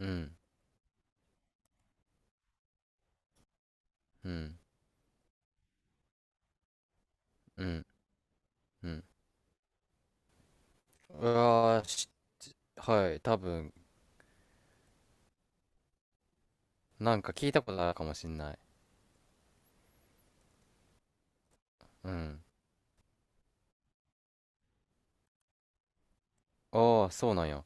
うん、うん、うん、うん。うわーし、はい、多分、なんか聞いたことあるかもしんない。うん。ああ、そうなんや。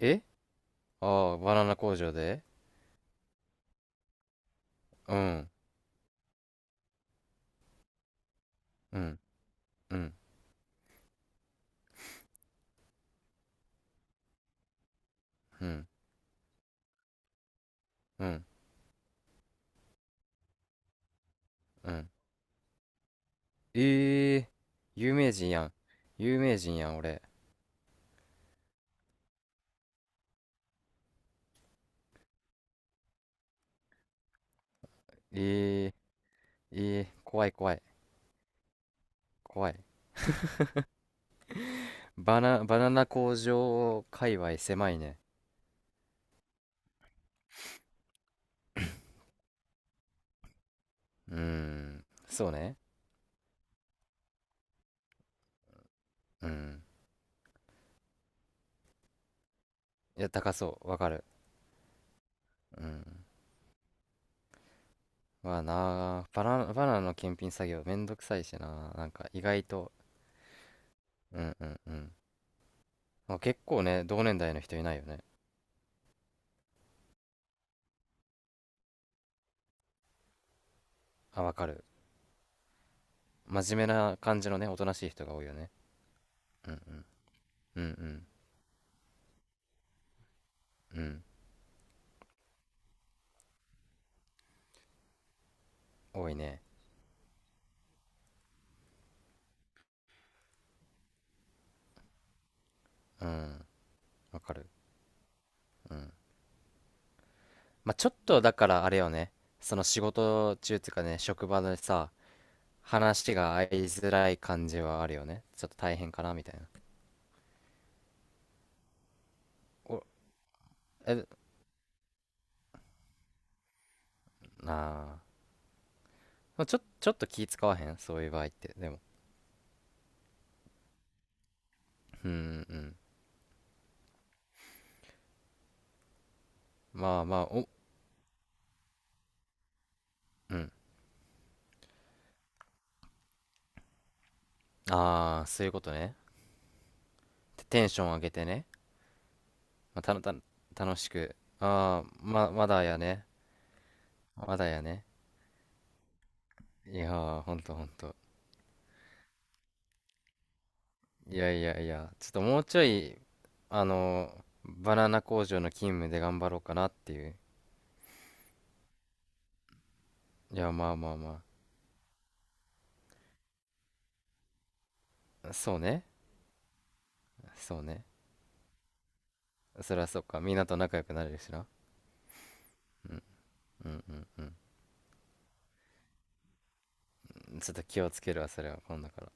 え、ああー、バナナ工場で。うん、うん、うん、うん、うん、うん。ええ、有名人やん。有名人やん、俺。ええ、ええ、怖い怖い、怖い。バナナ工場界隈狭いね。うーん、そうね。うん。いや、高そう、わかる。うん。はなあ、バナナの検品作業めんどくさいしな。なんか意外と、うんうんうん。まあ結構ね、同年代の人いないよね。あ、わかる。真面目な感じのね、おとなしい人が多いよね。うんうん。うんうん。うん。多いね。うん。わかる。うん。まあちょっとだからあれよね。その仕事中っていうかね、職場でさ、話が合いづらい感じはあるよね。ちょっと大変かなみたいな。お、え、なあ。ちょっと気使わへんそういう場合って。でも。うんうん。まあまあ、お、うん。ああ、そういうことね。テンション上げてね。まあ、たの、たの、楽しく。ああ、まだやね。まだやね。いやー、ほんとほんと。いやいやいや、ちょっともうちょい、あのー、バナナ工場の勤務で頑張ろうかなっていう。いや、まあまあまあ。そうね。そうね。そりゃそうか。みんなと仲良くなれるしな。うんうんうんうん。ちょっと気をつけるわ、それは、今度か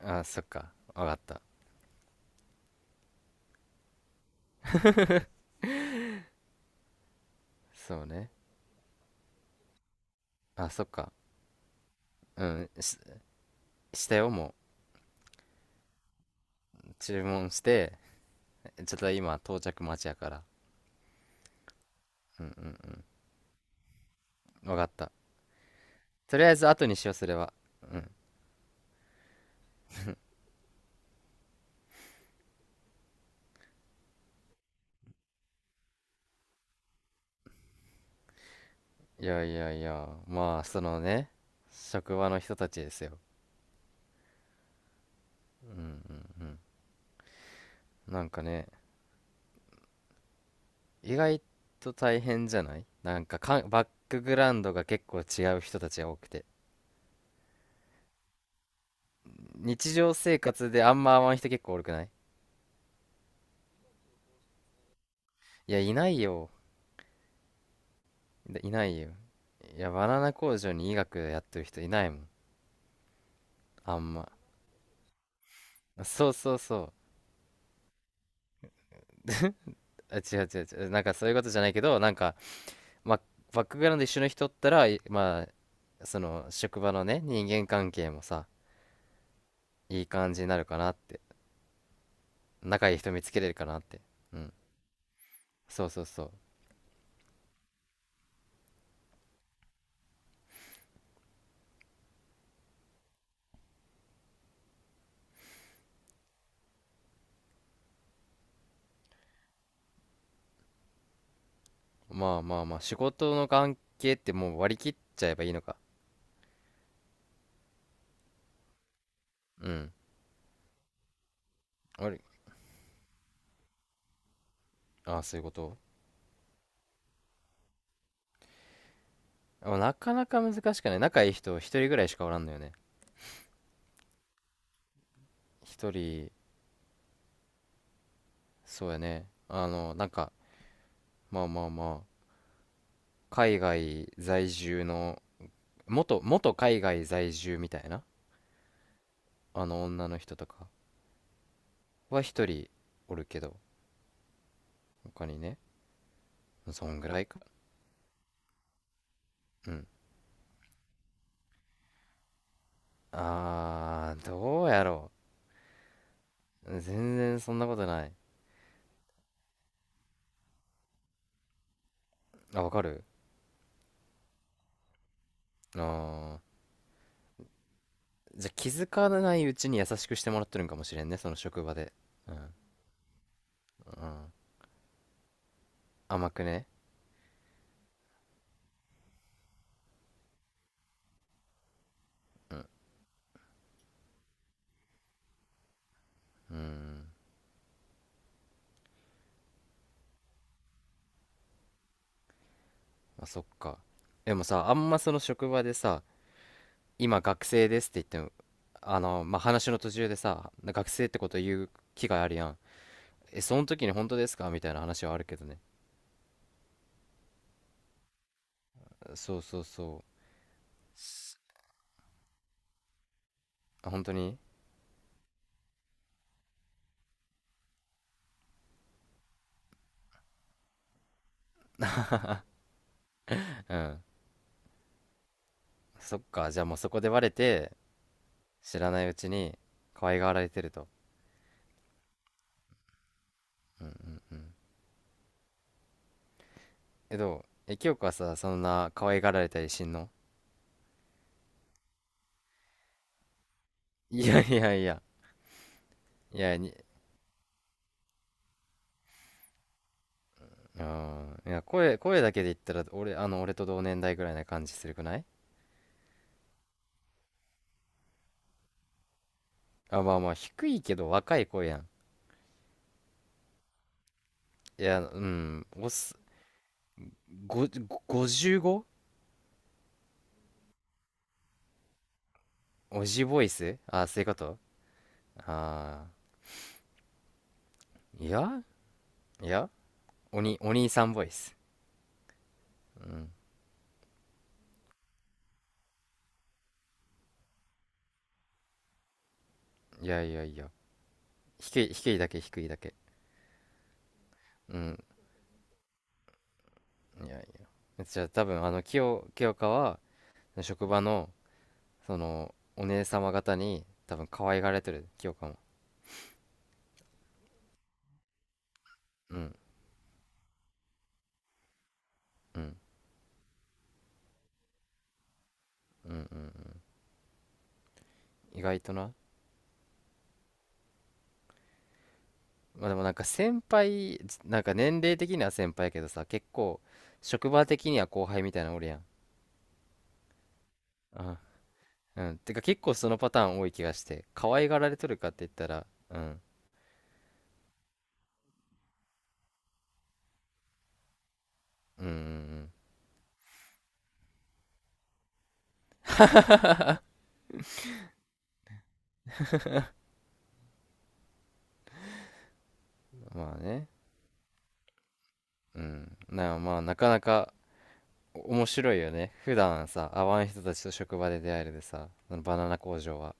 ら。ああ、そっか。わかった。そうね。あ、そっか。うん。したよ、もう。注文して、ちょっと今到着待ちやから。うんうんうん。わかった。とりあえず後にしよう、それは。うん。いやいやいや、まあ、そのね、職場の人たちですよ。うんうんうん。なんかね、意外と大変じゃない、なんかかん、バックグラウンドが結構違う人たちが多くて。日常生活であんま会わん人結構多くない？いや、いないよ。でいないよ。いや、バナナ工場に医学やってる人いないもん。あんま。そうそうそう。あ、違う違う違う。なんかそういうことじゃないけど、なんか、まあ、バックグラウンド一緒の人ったら、い、まあ、その、職場のね、人間関係もさ、いい感じになるかなって。仲いい人見つけれるかなって。うん。そうそうそう。まあまあまあ、仕事の関係ってもう割り切っちゃえばいいのか。うん。あれ、ああ、そういうこと。あ、なかなか難しくない？仲いい人一人ぐらいしかおらんのよね。一人、そうやね。あの、なんか、まあまあまあ、海外在住の、元海外在住みたいな、あの女の人とかは一人おるけど、他にね、そんぐらいか。うん。あー、どうやろう。全然そんなことない。あ、わかる。あー。じゃあ気づかないうちに優しくしてもらってるんかもしれんね、その職場で。うん、うん。甘くね。うん、うん。あ、そっか。でもさ、あんまその職場でさ、今学生ですって言っても、あの、まあ、話の途中でさ、学生ってこと言う機会あるやん。え、その時に本当ですかみたいな話はあるけどね。そうそうそう。す、あ、本当に？うん。そっか。じゃあもうそこでバレて、知らないうちに可愛がられてると。え、どう？え、清香はさ、そんな可愛がられたりしんの？いやいやいや。いや、に、うん。いや、声だけで言ったら、俺、あの、俺と同年代ぐらいな感じするくない？あ、まあまあ、低いけど若い声やん。いや、うん。おす、ご 55？ おじボイス、あ、そういうこと？ああー。いや、お兄さんボイス。うん。いやいやいや。低い、低いだけ。うん。いやいや。じゃあ多分、あの、清香は、職場の、その、お姉様方に、多分、可愛がられてる、清香も。うん、うん、うん、うん、うん。意外とな。まあでもなんか先輩、なんか年齢的には先輩やけどさ、結構、職場的には後輩みたいなのおるやん。あ、うん。てか結構そのパターン多い気がして、可愛がられとるかって言ったら、うん、うん、うん、うん。まあね。うん。な、まあ、なかなか面白いよね。普段さ、会わん人たちと職場で出会えるでさ、あのバナナ工場は。